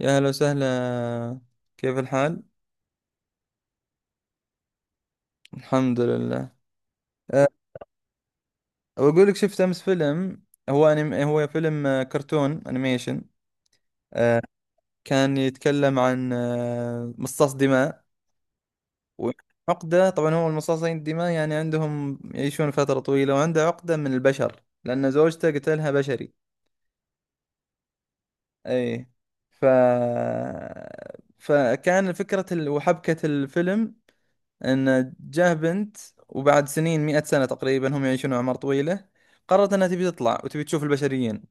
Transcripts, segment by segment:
يا هلا وسهلا. كيف الحال؟ الحمد لله. أه بقول لك شفت أمس فيلم. هو أنيم، هو فيلم كرتون أنيميشن. أه كان يتكلم عن مصاص دماء. وعقدة طبعا، هو المصاصين الدماء يعني عندهم يعيشون فترة طويلة، وعنده عقدة من البشر لأن زوجته قتلها بشري. أي. ف وحبكة الفيلم ان جاه بنت، وبعد سنين، مئة سنة تقريبا، هم يعيشون أعمار طويلة، قررت أنها تبي تطلع وتبي تشوف البشريين.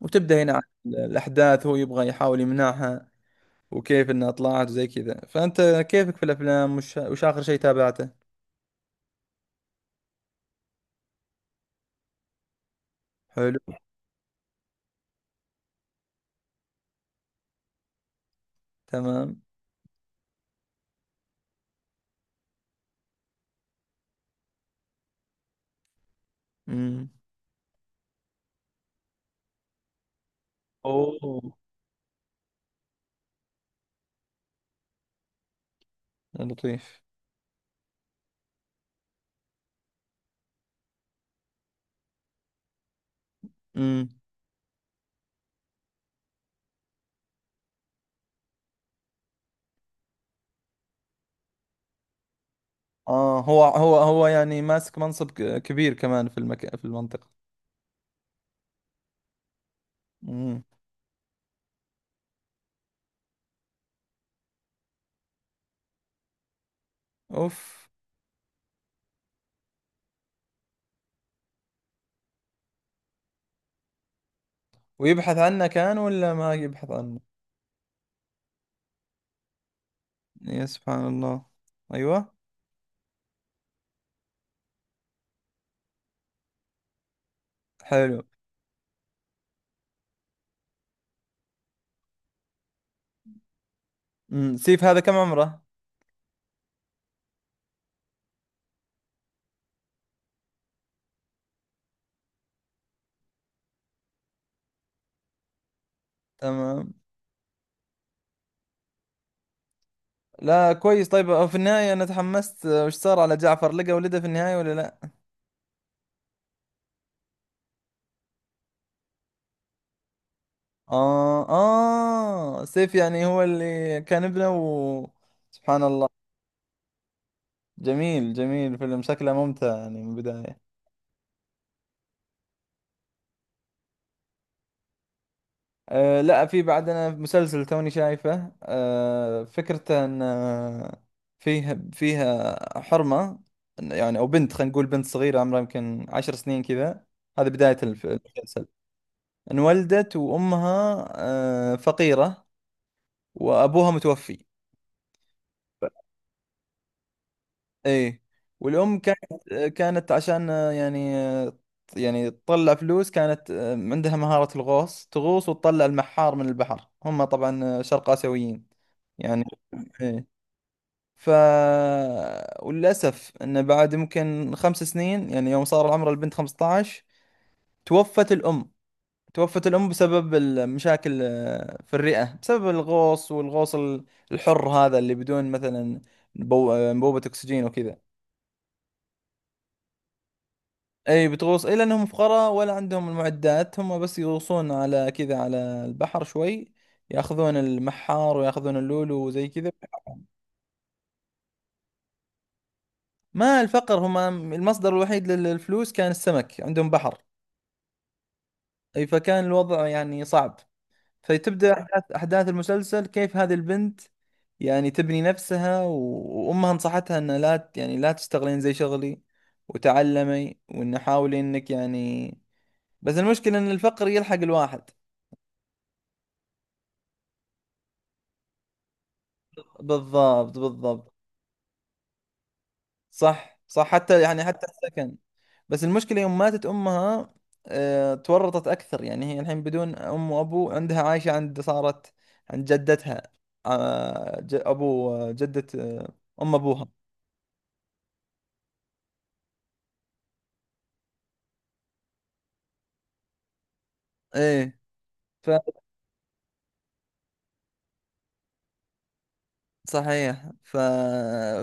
وتبدأ هنا عن الأحداث. هو يبغى يحاول يمنعها، وكيف أنها طلعت وزي كذا. فأنت كيفك في الأفلام؟ وش آخر شيء تابعته؟ حلو. تمام. امم. اوه. لطيف. امم. اه، هو يعني ماسك منصب كبير كمان في المنطقة. امم. اوف. ويبحث عنه كان ولا ما يبحث عنه؟ يا سبحان الله. ايوه. حلو. أمم، سيف هذا كم عمره؟ تمام. لا كويس. طيب في النهاية أنا تحمست، وش صار على جعفر؟ لقى ولده في النهاية ولا لا؟ آه آه، سيف يعني هو اللي كان ابنه و... سبحان الله. جميل جميل، فيلم شكله ممتع يعني من البداية. آه لا، في بعدنا مسلسل توني شايفه. آه، فكرته ان فيها حرمة، يعني او بنت، خلينا نقول بنت صغيرة عمرها يمكن عشر سنين كذا. هذه بداية المسلسل. انولدت وامها فقيرة، وابوها متوفي. ايه. والام كانت، كانت عشان يعني تطلع فلوس، كانت عندها مهارة الغوص، تغوص وتطلع المحار من البحر. هم طبعا شرق آسيويين يعني. ايه. ف وللأسف انه بعد ممكن خمس سنين، يعني يوم صار عمر البنت 15، توفت الأم. توفت الأم بسبب المشاكل في الرئة، بسبب الغوص، والغوص الحر هذا اللي بدون مثلا انبوبة أكسجين وكذا. أي بتغوص، إيه، لأنهم فقراء، ولا عندهم المعدات. هم بس يغوصون على كذا، على البحر شوي، ياخذون المحار وياخذون اللولو وزي كذا. ما الفقر، هم المصدر الوحيد للفلوس كان السمك، عندهم بحر. أي فكان الوضع يعني صعب. فتبدأ أحداث المسلسل كيف هذه البنت يعني تبني نفسها. وأمها نصحتها أن لا ت- يعني لا تشتغلين زي شغلي، وتعلمي، وأن حاولي أنك يعني. بس المشكلة أن الفقر يلحق الواحد. بالضبط بالضبط. صح صح، حتى يعني حتى السكن. بس المشكلة يوم ماتت أمها تورطت أكثر. يعني هي الحين بدون أم وأبو، عندها عايشة عند، صارت عند جدتها، أبو، جدة، آه، أم أبوها. إيه. ف صحيح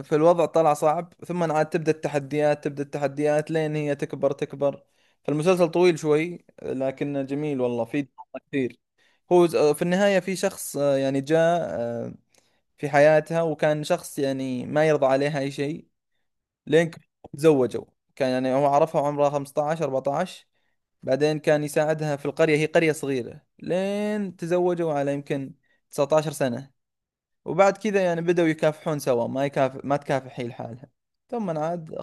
فالوضع طلع صعب. ثم عاد تبدأ التحديات، تبدأ التحديات لين هي تكبر تكبر. فالمسلسل طويل شوي لكنه جميل، والله في دراما كثير. هو في النهاية في شخص، يعني جاء، في حياتها، وكان شخص يعني ما يرضى عليها أي شيء لين تزوجوا. كان يعني هو عرفها وعمرها 15 14، بعدين كان يساعدها في القرية، هي قرية صغيرة، لين تزوجوا على يمكن 19 سنة. وبعد كذا يعني بدأوا يكافحون سوا، ما تكافح هي لحالها. ثم عاد.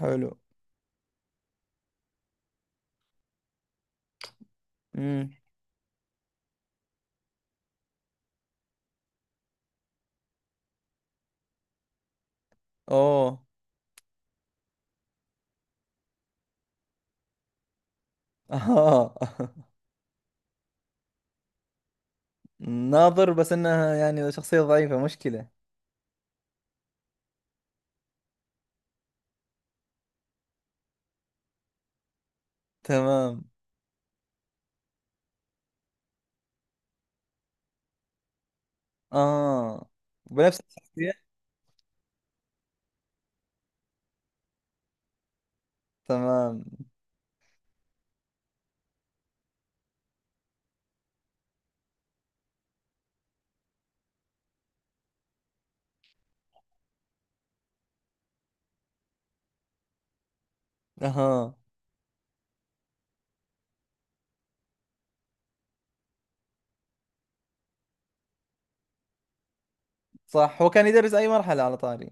حلو. امم. اوه. آه. ناظر بس انها يعني شخصية ضعيفة مشكلة. تمام. اه. بنفس الشخصية. تمام. اها. صح، هو كان يدرس اي مرحلة على طاري؟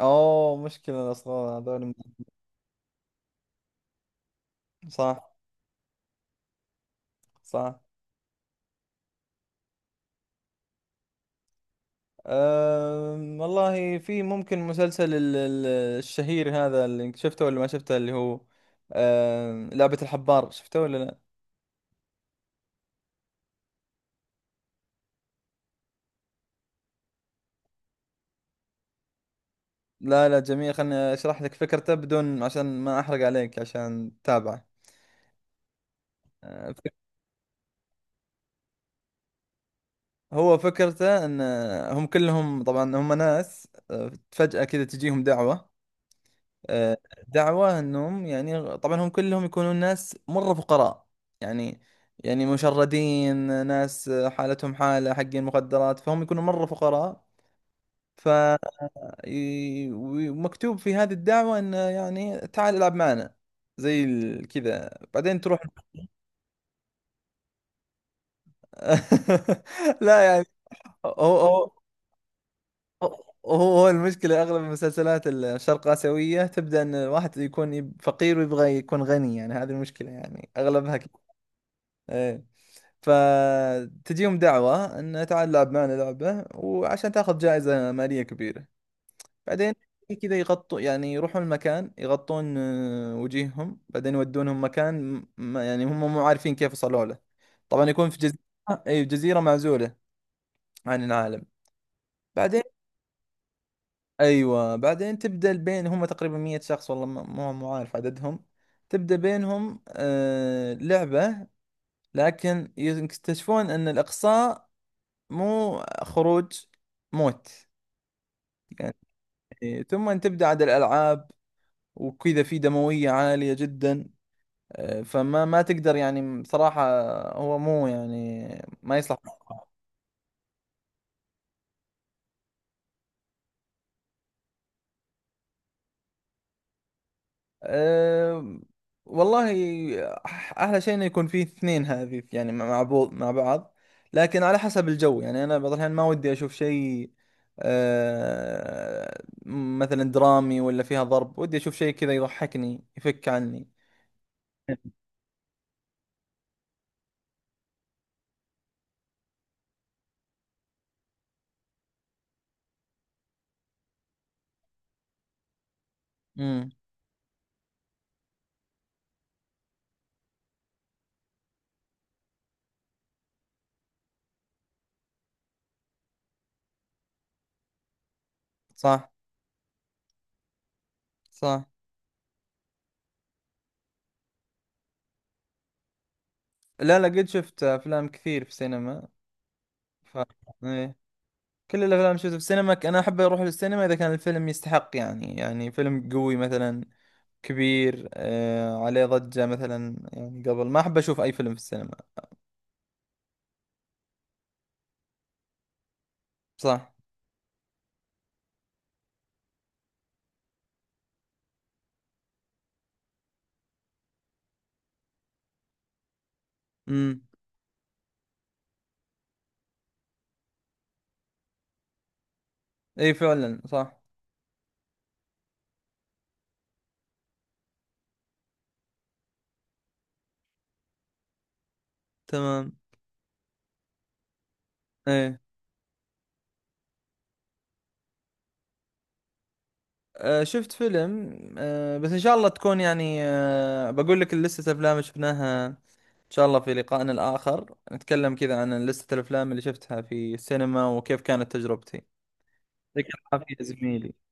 اوه، مشكلة الاصغر هذول. صح. صح. والله في ممكن مسلسل الشهير هذا، اللي شفته ولا ما شفته، اللي هو لعبة الحبار، شفته ولا لا؟ لا لا، جميل، خلني اشرح لك فكرته بدون، عشان ما احرق عليك، عشان تتابعه. أه، فك- هو فكرته ان هم كلهم طبعا، هم ناس فجأة كذا تجيهم دعوة، آه، دعواه انهم، يعني طبعا هم كلهم يكونون ناس مره فقراء، يعني يعني مشردين، ناس حالتهم حاله حقين مخدرات، فهم يكونوا مره فقراء. ف ومكتوب في هذه الدعوه انه يعني تعال العب معنا، زي كذا، بعدين تروح. لا يعني، هو هو هو هو المشكلة أغلب المسلسلات الشرق آسيوية تبدأ أن الواحد يكون فقير ويبغى يكون غني، يعني هذه المشكلة يعني أغلبها كده. فتجيهم دعوة انه تعال العب معنا لعبة، وعشان تاخذ جائزة مالية كبيرة. بعدين كذا يغطوا، يعني يروحون المكان يغطون وجيههم، بعدين يودونهم مكان يعني هم مو عارفين كيف وصلوا له. طبعا يكون في جزيرة، اي جزيرة معزولة عن العالم. بعدين، ايوه بعدين تبدأ بين هم تقريبا 100 شخص، والله مو عارف عددهم، تبدأ بينهم لعبة، لكن يكتشفون ان الاقصاء، مو خروج، موت يعني. ثم تبدأ عاد الألعاب وكذا، في دموية عالية جدا. فما ما تقدر يعني بصراحة، هو مو يعني، ما يصلح. أه والله، أحلى شيء إنه يكون فيه اثنين هذه يعني، مع بعض مع بعض. لكن على حسب الجو، يعني أنا بعض الأحيان ما ودي أشوف شيء، مثلا درامي ولا فيها ضرب، ودي أشوف شيء كذا يضحكني يفك عني. امم. صح. صح. لا لا، قد شفت افلام كثير في السينما. ف... إيه. كل الافلام شفتها في السينما. انا احب اروح للسينما اذا كان الفيلم يستحق، يعني فيلم قوي مثلا كبير، عليه ضجة مثلا، يعني قبل ما، احب اشوف اي فيلم في السينما. صح. امم. اي فعلا صح. تمام. ايه. آه شفت فيلم، آه بس ان شاء الله تكون يعني، بقول لك لسه افلام شفناها، إن شاء الله في لقائنا الآخر نتكلم كذا عن لستة الأفلام اللي شفتها في السينما وكيف كانت تجربتي. يعطيك العافية يا زميلي.